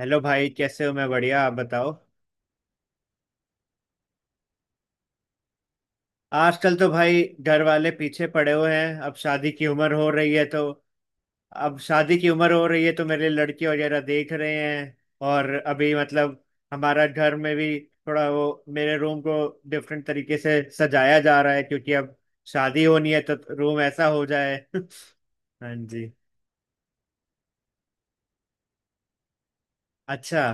Hello भाई, कैसे हो? मैं बढ़िया, आप बताओ। आजकल तो भाई घर वाले पीछे पड़े हुए हैं। अब शादी की उम्र हो रही है तो अब शादी की उम्र हो रही है तो मेरे लिए लड़की वगैरह देख रहे हैं। और अभी मतलब हमारा घर में भी थोड़ा वो मेरे रूम को डिफरेंट तरीके से सजाया जा रहा है क्योंकि अब शादी होनी है तो रूम ऐसा हो जाए। हाँ जी। अच्छा।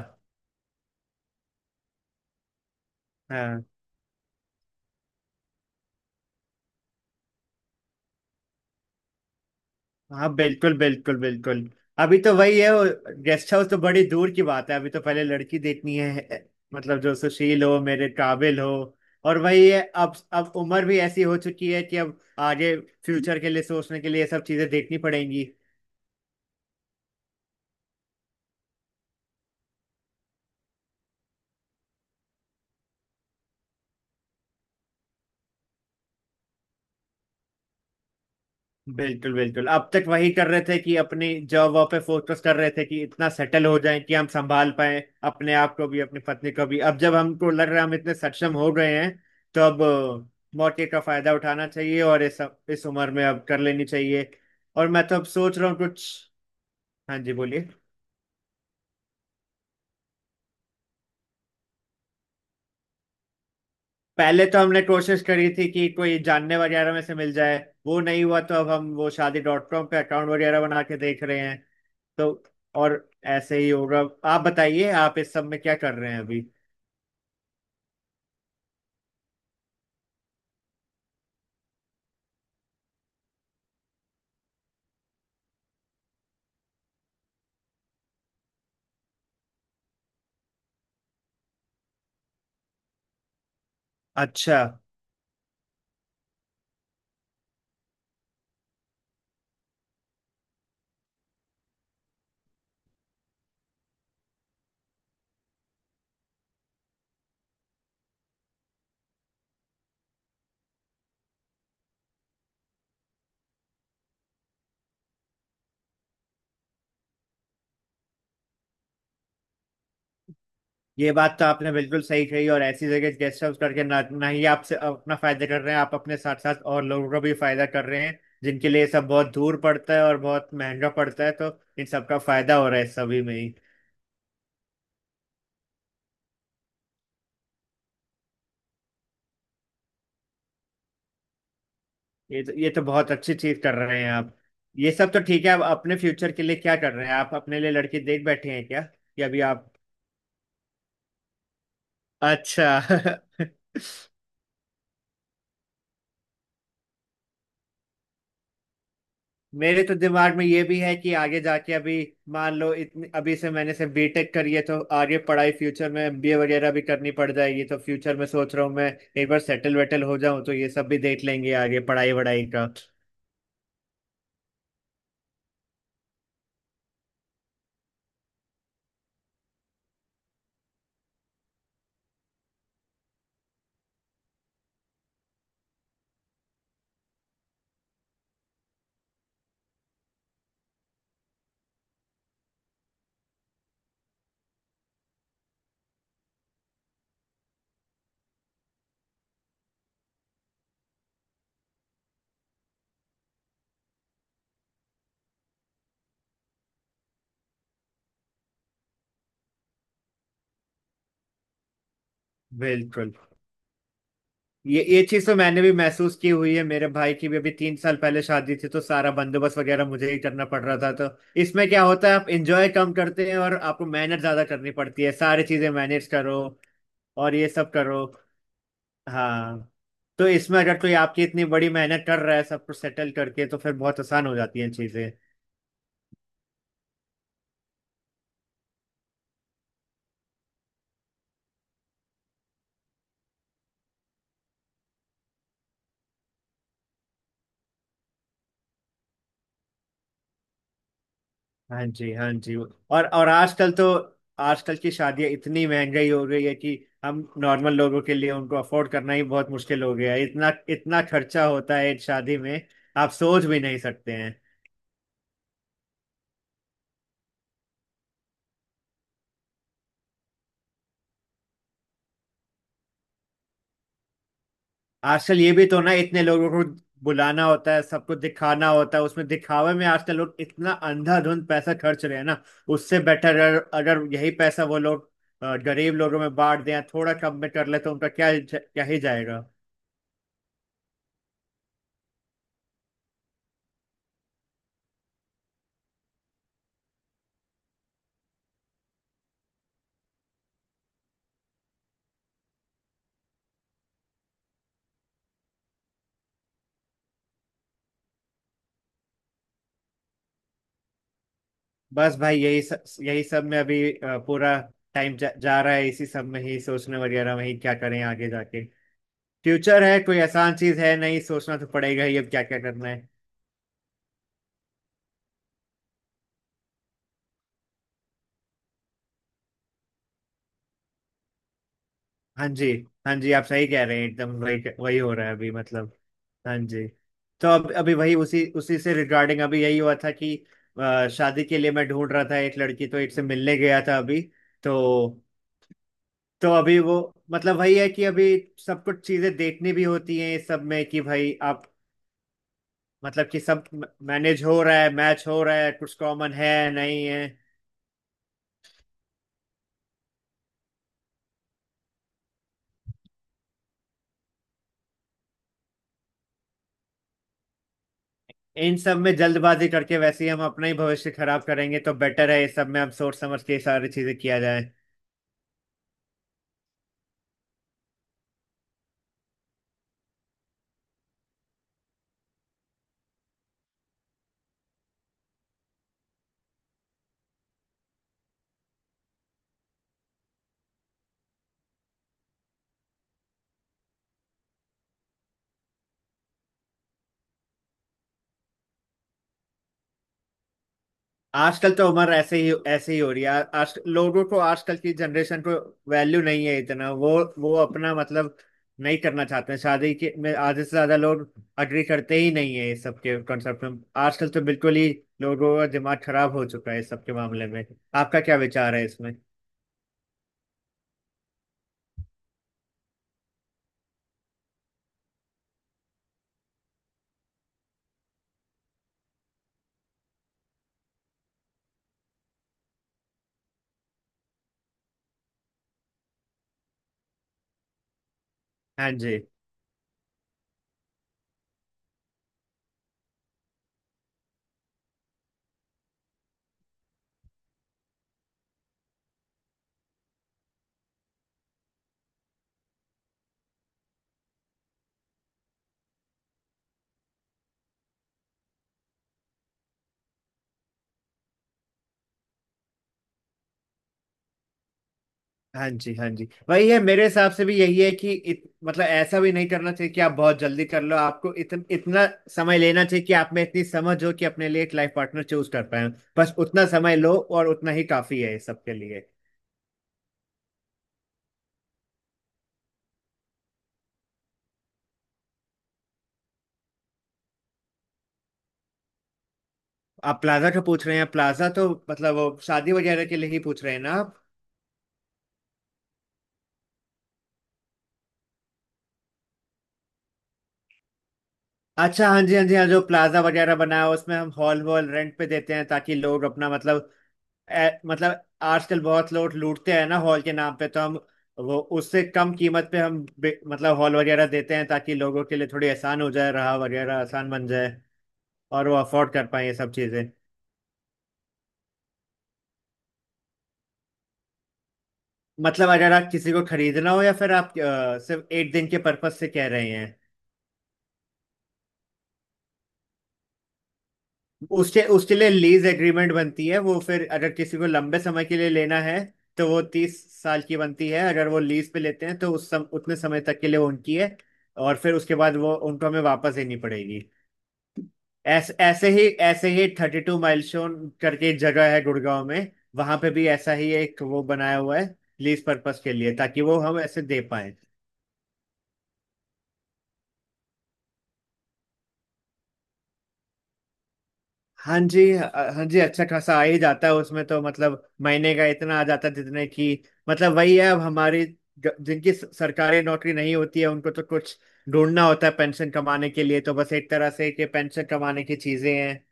हाँ, हाँ, बिल्कुल, बिल्कुल, बिल्कुल। अभी तो वही है वो, गेस्ट हाउस तो बड़ी दूर की बात है, अभी तो पहले लड़की देखनी है, मतलब जो सुशील हो, मेरे काबिल हो। और वही है, अब उम्र भी ऐसी हो चुकी है कि अब आगे फ्यूचर के लिए सोचने के लिए ये सब चीजें देखनी पड़ेंगी। बिल्कुल बिल्कुल। अब तक वही कर रहे थे कि अपनी जॉब वॉब पे फोकस कर रहे थे कि इतना सेटल हो जाए कि हम संभाल पाए अपने आप को भी, अपनी पत्नी को भी। अब जब हमको लग रहा है हम इतने सक्षम हो गए हैं तो अब मौके का फायदा उठाना चाहिए और इस उम्र में अब कर लेनी चाहिए। और मैं तो अब सोच रहा हूँ कुछ। हाँ जी, बोलिए। पहले तो हमने कोशिश करी थी कि कोई जानने वगैरह में से मिल जाए, वो नहीं हुआ तो अब हम वो शादी डॉट कॉम पे अकाउंट वगैरह बना के देख रहे। तो और ऐसे ही होगा। आप बताइए, आप इस सब में क्या कर रहे हैं अभी? अच्छा। ये बात तो आपने बिल्कुल सही कही, और ऐसी जगह गेस्ट हाउस करके ना, ना ही आपसे अपना फायदा कर रहे हैं, आप अपने साथ साथ और लोगों का भी फायदा कर रहे हैं जिनके लिए ये सब बहुत दूर पड़ता है और बहुत महंगा पड़ता है, तो इन सब का फायदा हो रहा है सभी में ही। ये तो बहुत अच्छी चीज कर रहे हैं आप। ये सब तो ठीक है, आप अपने फ्यूचर के लिए क्या कर रहे हैं? आप अपने लिए लड़की देख बैठे हैं क्या कि अभी आप? अच्छा। मेरे तो दिमाग में ये भी है कि आगे जाके अभी, मान लो, इतनी अभी से मैंने सिर्फ बीटेक करी है तो आगे पढ़ाई फ्यूचर में एमबीए वगैरह भी करनी पड़ जाएगी, तो फ्यूचर में सोच रहा हूँ मैं, एक बार सेटल वेटल हो जाऊं तो ये सब भी देख लेंगे आगे पढ़ाई वढ़ाई का। बिल्कुल। ये चीज तो मैंने भी महसूस की हुई है, मेरे भाई की भी अभी 3 साल पहले शादी थी तो सारा बंदोबस्त वगैरह मुझे ही करना पड़ रहा था। तो इसमें क्या होता है आप एंजॉय कम करते हैं और आपको मेहनत ज्यादा करनी पड़ती है, सारी चीजें मैनेज करो और ये सब करो। हाँ। तो इसमें अगर कोई आपकी इतनी बड़ी मेहनत कर रहा है सब कुछ सेटल करके, तो फिर बहुत आसान हो जाती हैं चीजें। हाँ जी, हाँ जी। और आजकल तो आजकल की शादियां इतनी महंगाई हो गई है कि हम नॉर्मल लोगों के लिए उनको अफोर्ड करना ही बहुत मुश्किल हो गया है। इतना इतना खर्चा होता है एक शादी में, आप सोच भी नहीं सकते। आजकल ये भी तो ना, इतने लोगों को बुलाना होता है, सबको दिखाना होता है। उसमें दिखावे में आजकल लोग इतना अंधाधुंध पैसा खर्च रहे हैं ना, उससे बेटर अगर यही पैसा वो लोग गरीब लोगों में बांट दें, थोड़ा कम में कर ले, तो उनका क्या क्या ही जाएगा। बस भाई यही सब में अभी पूरा जा रहा है, इसी सब में ही सोचने वगैरह में ही, क्या करें आगे जाके। फ्यूचर है, कोई आसान चीज है नहीं, सोचना तो पड़ेगा ही अब क्या क्या करना है। हाँ जी, हाँ जी, आप सही कह रहे हैं, एकदम वही वही हो रहा है अभी मतलब। हाँ जी। तो अब अभी वही उसी उसी से रिगार्डिंग अभी यही हुआ था कि शादी के लिए मैं ढूंढ रहा था एक लड़की, तो एक से मिलने गया था अभी। तो तो अभी वो, मतलब वही है कि अभी सब कुछ चीजें देखनी भी होती हैं इस सब में कि भाई आप, मतलब कि सब मैनेज हो रहा है, मैच हो रहा है, कुछ कॉमन है, नहीं है। इन सब में जल्दबाजी करके वैसे ही हम अपना ही भविष्य खराब करेंगे, तो बेटर है इस सब में अब सोच समझ के सारी चीजें किया जाए। आजकल तो उम्र ऐसे ही हो रही है आज, लोगों को, आजकल की जनरेशन को वैल्यू नहीं है इतना, वो अपना मतलब नहीं करना चाहते हैं शादी के, में आधे से ज्यादा लोग अग्री करते ही नहीं है इस सब के कॉन्सेप्ट में। आजकल तो बिल्कुल ही लोगों का दिमाग खराब हो चुका है इस सब के मामले में। आपका क्या विचार है इसमें? हाँ जी, हाँ जी, हाँ जी, वही है, मेरे हिसाब से भी यही है कि मतलब ऐसा भी नहीं करना चाहिए कि आप बहुत जल्दी कर लो, आपको इतना समय लेना चाहिए कि आप में इतनी समझ हो कि अपने लिए एक लाइफ पार्टनर चूज कर पाए। बस उतना समय लो और उतना ही काफी है सबके लिए। आप प्लाजा का पूछ रहे हैं? प्लाजा तो मतलब वो शादी वगैरह के लिए ही पूछ रहे हैं ना आप? अच्छा, हाँ जी, हाँ जी, हाँ, जो प्लाजा वगैरह बनाया है, उसमें हम हॉल वॉल रेंट पे देते हैं ताकि लोग अपना मतलब, मतलब आजकल बहुत लोग लूटते हैं ना हॉल के नाम पे, तो हम वो उससे कम कीमत पे हम मतलब हॉल वगैरह देते हैं ताकि लोगों के लिए थोड़ी आसान हो जाए, रहा वगैरह आसान बन जाए और वो अफोर्ड कर पाए ये सब चीजें। मतलब अगर आप किसी को खरीदना हो या फिर आप सिर्फ एक दिन के पर्पज से कह रहे हैं, उसके उसके लिए लीज एग्रीमेंट बनती है। वो फिर अगर किसी को लंबे समय के लिए लेना है तो वो 30 साल की बनती है। अगर वो लीज पे लेते हैं तो उतने समय तक के लिए वो उनकी है, और फिर उसके बाद वो उनको हमें वापस देनी पड़ेगी। ऐसे ऐसे ही थर्टी टू माइलस्टोन करके एक जगह है गुड़गांव में, वहां पे भी ऐसा ही एक वो बनाया हुआ है लीज पर्पस के लिए, ताकि वो हम ऐसे दे पाए। हाँ जी, हाँ जी अच्छा खासा आ ही जाता है उसमें तो, मतलब महीने का इतना आ जाता है जितने की, मतलब वही है अब हमारी जिनकी सरकारी नौकरी नहीं होती है उनको तो कुछ ढूंढना होता है पेंशन कमाने के लिए, तो बस एक तरह से कि पेंशन कमाने की चीजें हैं।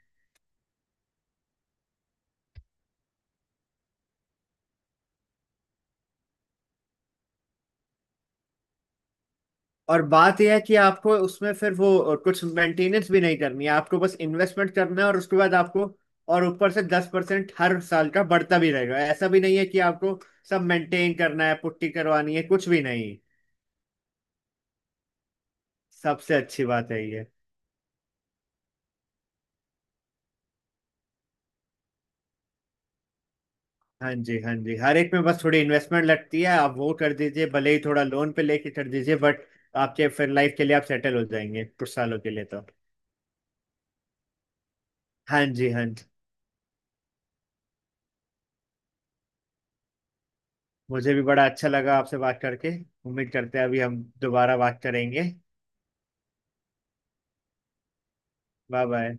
और बात यह है कि आपको उसमें फिर वो कुछ मेंटेनेंस भी नहीं करनी है, आपको बस इन्वेस्टमेंट करना है और उसके बाद आपको, और ऊपर से 10% हर साल का बढ़ता भी रहेगा, ऐसा भी नहीं है कि आपको सब मेंटेन करना है, पुट्टी करवानी है, कुछ भी नहीं। सबसे अच्छी बात है ये। हाँ जी, हाँ जी, हर एक में बस थोड़ी इन्वेस्टमेंट लगती है, आप वो कर दीजिए, भले ही थोड़ा लोन पे लेके कर दीजिए, बट आपके फिर लाइफ के लिए आप सेटल हो जाएंगे कुछ सालों के लिए तो। हाँ जी, हाँ जी, मुझे भी बड़ा अच्छा लगा आपसे बात करके, उम्मीद करते हैं अभी हम दोबारा बात करेंगे। Bye bye.